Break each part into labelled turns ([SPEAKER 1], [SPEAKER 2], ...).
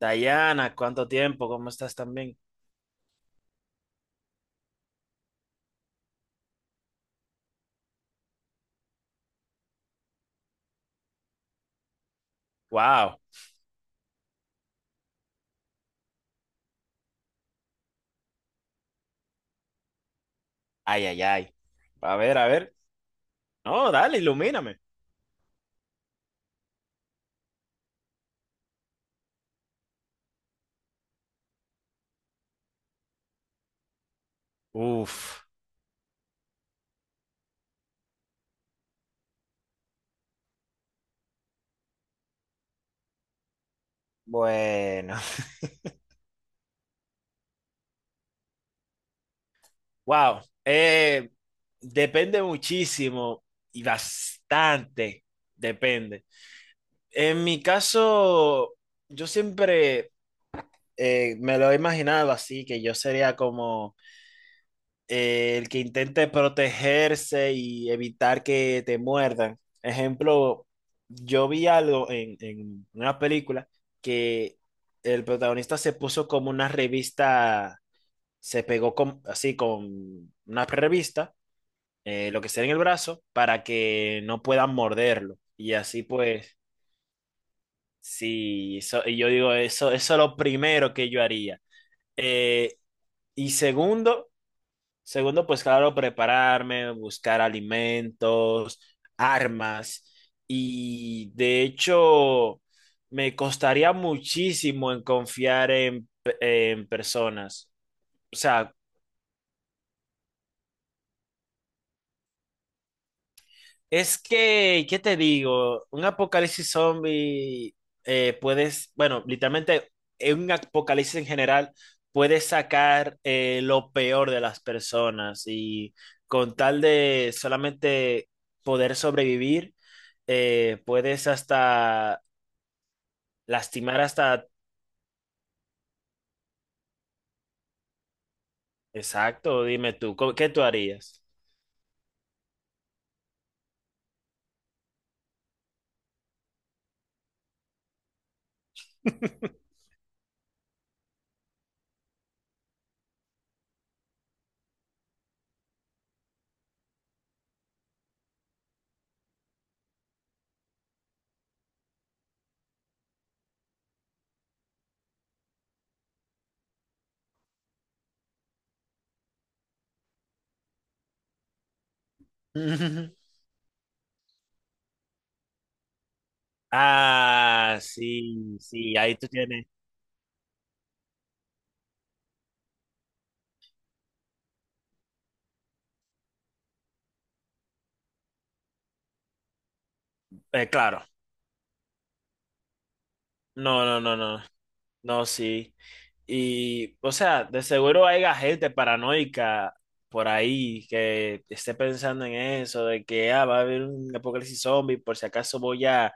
[SPEAKER 1] Dayana, ¿cuánto tiempo? ¿Cómo estás también? Wow. Ay, ay, ay. A ver, a ver. No, dale, ilumíname. Uf. Bueno. Wow. Eh, Depende muchísimo y bastante. Depende. En mi caso, yo siempre me lo he imaginado así, que yo sería como el que intente protegerse y evitar que te muerdan. Ejemplo, yo vi algo en una película que el protagonista se puso como una revista, así con una revista, lo que sea en el brazo, para que no puedan morderlo. Y así pues, sí, y yo digo, eso es lo primero que yo haría. Eh, y segundo, Segundo, pues claro, prepararme, buscar alimentos, armas. Y de hecho, me costaría muchísimo en confiar en personas. O sea, es que, ¿qué te digo? Un apocalipsis zombie, puedes, bueno, literalmente en un apocalipsis en general, puedes sacar lo peor de las personas y con tal de solamente poder sobrevivir, puedes hasta lastimar hasta... Exacto, dime tú, ¿qué tú harías? Ah, sí, sí, ahí tú tienes. Eh, claro, no, no, no, no. No, sí. Y, o sea, de seguro hay gente paranoica por ahí que esté pensando en eso, de que ah, va a haber un apocalipsis zombie, por si acaso voy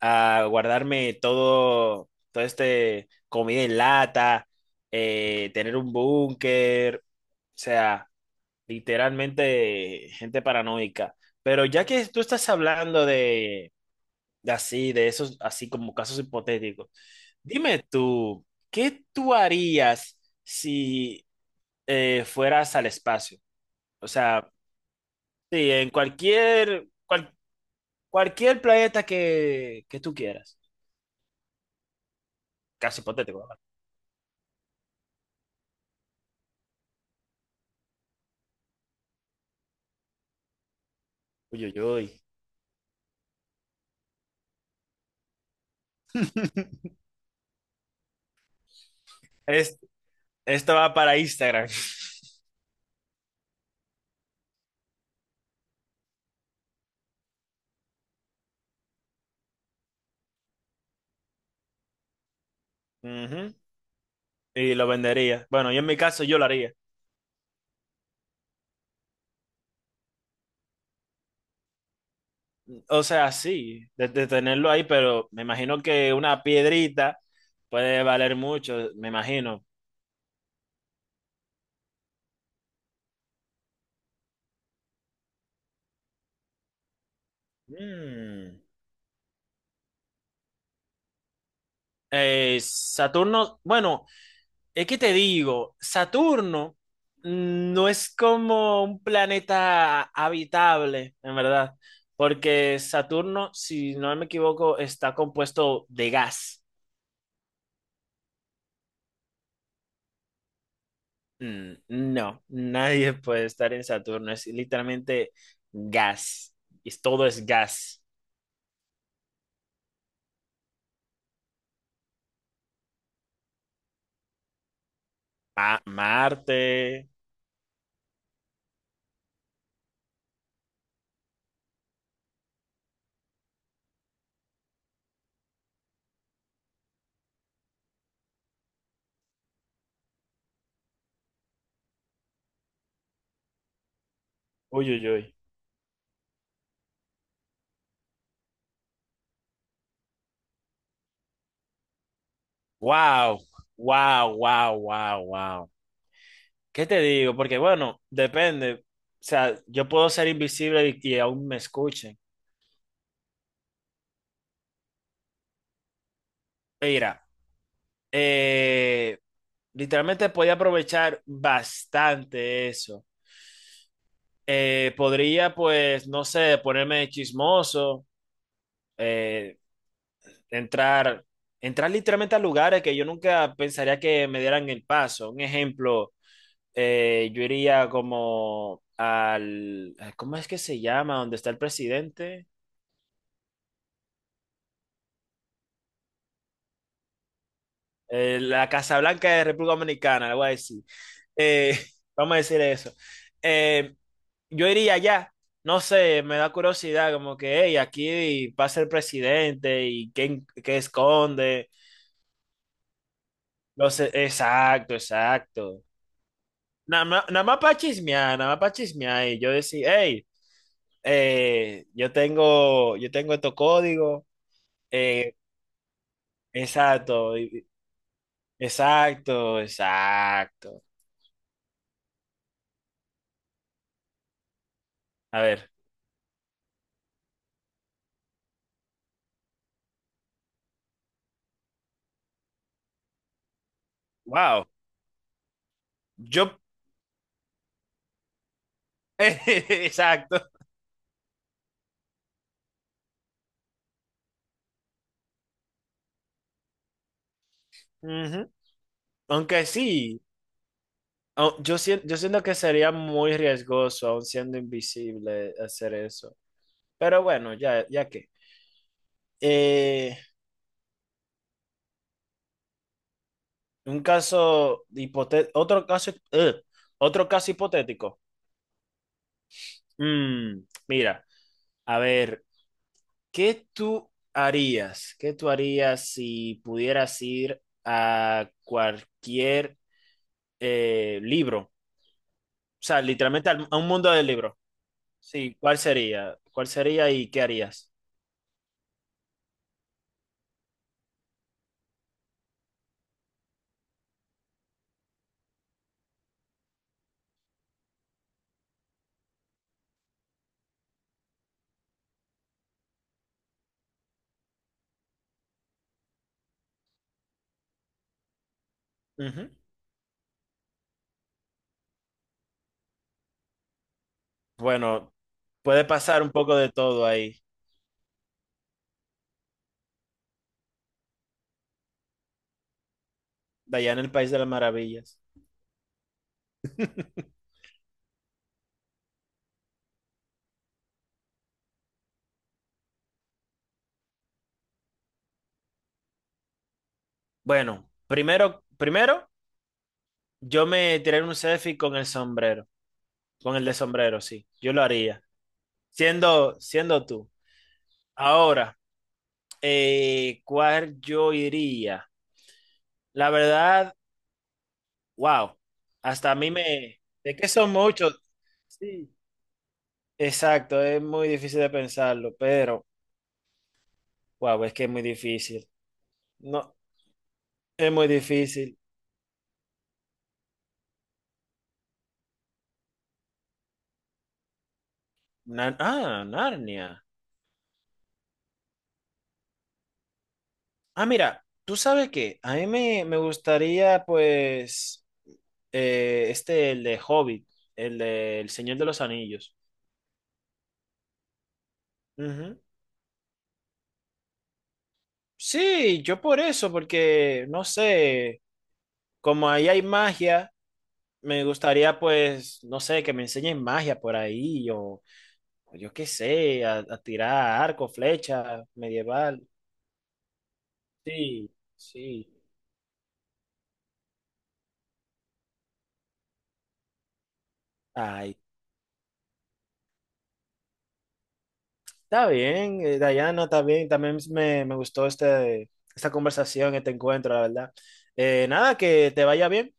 [SPEAKER 1] a guardarme todo, este comida en lata, tener un búnker, o sea, literalmente gente paranoica. Pero ya que tú estás hablando de así, de esos, así como casos hipotéticos. Dime tú, ¿qué tú harías si fueras al espacio? O sea, sí, cualquier planeta que tú quieras. Casi hipotético, ¿verdad? Uy, uy, uy. Es- esto va para Instagram. Ujú. Y lo vendería. Bueno, yo en mi caso yo lo haría. O sea, sí, de tenerlo ahí, pero me imagino que una piedrita puede valer mucho, me imagino. Mm. Saturno, bueno, es que te digo, Saturno no es como un planeta habitable, en verdad, porque Saturno, si no me equivoco, está compuesto de gas. Mm, no, nadie puede estar en Saturno, es literalmente gas, y todo es gas. Ah, Marte, uy, uy, uy. Wow, wow. ¿Qué te digo? Porque bueno, depende. O sea, yo puedo ser invisible y aún me escuchen. Mira, eh, literalmente podía aprovechar bastante eso. Podría, pues, no sé, ponerme chismoso, eh, entrar, entrar literalmente a lugares que yo nunca pensaría que me dieran el paso. Un ejemplo, yo iría como al, ¿cómo es que se llama? ¿Dónde está el presidente? La Casa Blanca de República Dominicana, le voy a decir. Eh, vamos a decir eso. Eh, yo iría allá, no sé, me da curiosidad, como que, hey, aquí pasa el presidente y qué, qué esconde. No sé, exacto, exacto. Nada más, nada más para chismear, nada más para chismear. Y yo decía, hey, yo tengo estos códigos. Eh, exacto, exacto, exacto. A ver, wow. Yo, exacto. Ujú. Aunque sí, yo siento que sería muy riesgoso, aun siendo invisible, hacer eso. Pero bueno, ya, ya que. Eh, un caso hipotético, otro caso, ugh, otro caso hipotético. Mm, mira, a ver, ¿qué tú harías? ¿Qué tú harías si pudieras ir a cualquier libro? O sea, literalmente a un mundo de libros. Sí, ¿cuál sería? ¿Cuál sería y qué harías? Ujú. Bueno, puede pasar un poco de todo ahí, de allá en el País de las Maravillas. Bueno, primero, primero, yo me tiré un selfie con el sombrero, con el de sombrero, sí, yo lo haría, siendo, siendo tú. Ahora, ¿cuál yo iría? La verdad, wow, hasta a mí me, de que son muchos, sí, exacto, es muy difícil de pensarlo, pero wow, es que es muy difícil. No, es muy difícil. Ah, Narnia. Ah, mira, ¿tú sabes qué? A mí me, me gustaría, pues, este, el de Hobbit, el de El Señor de los Anillos. Ujú. Sí, yo por eso, porque, no sé, como ahí hay magia, me gustaría, pues, no sé, que me enseñen magia por ahí, o yo qué sé, a tirar arco, flecha medieval. Sí, sí. Ay, está bien, Dayana, está bien. También me gustó este, esta conversación, este encuentro, la verdad. Nada, que te vaya bien.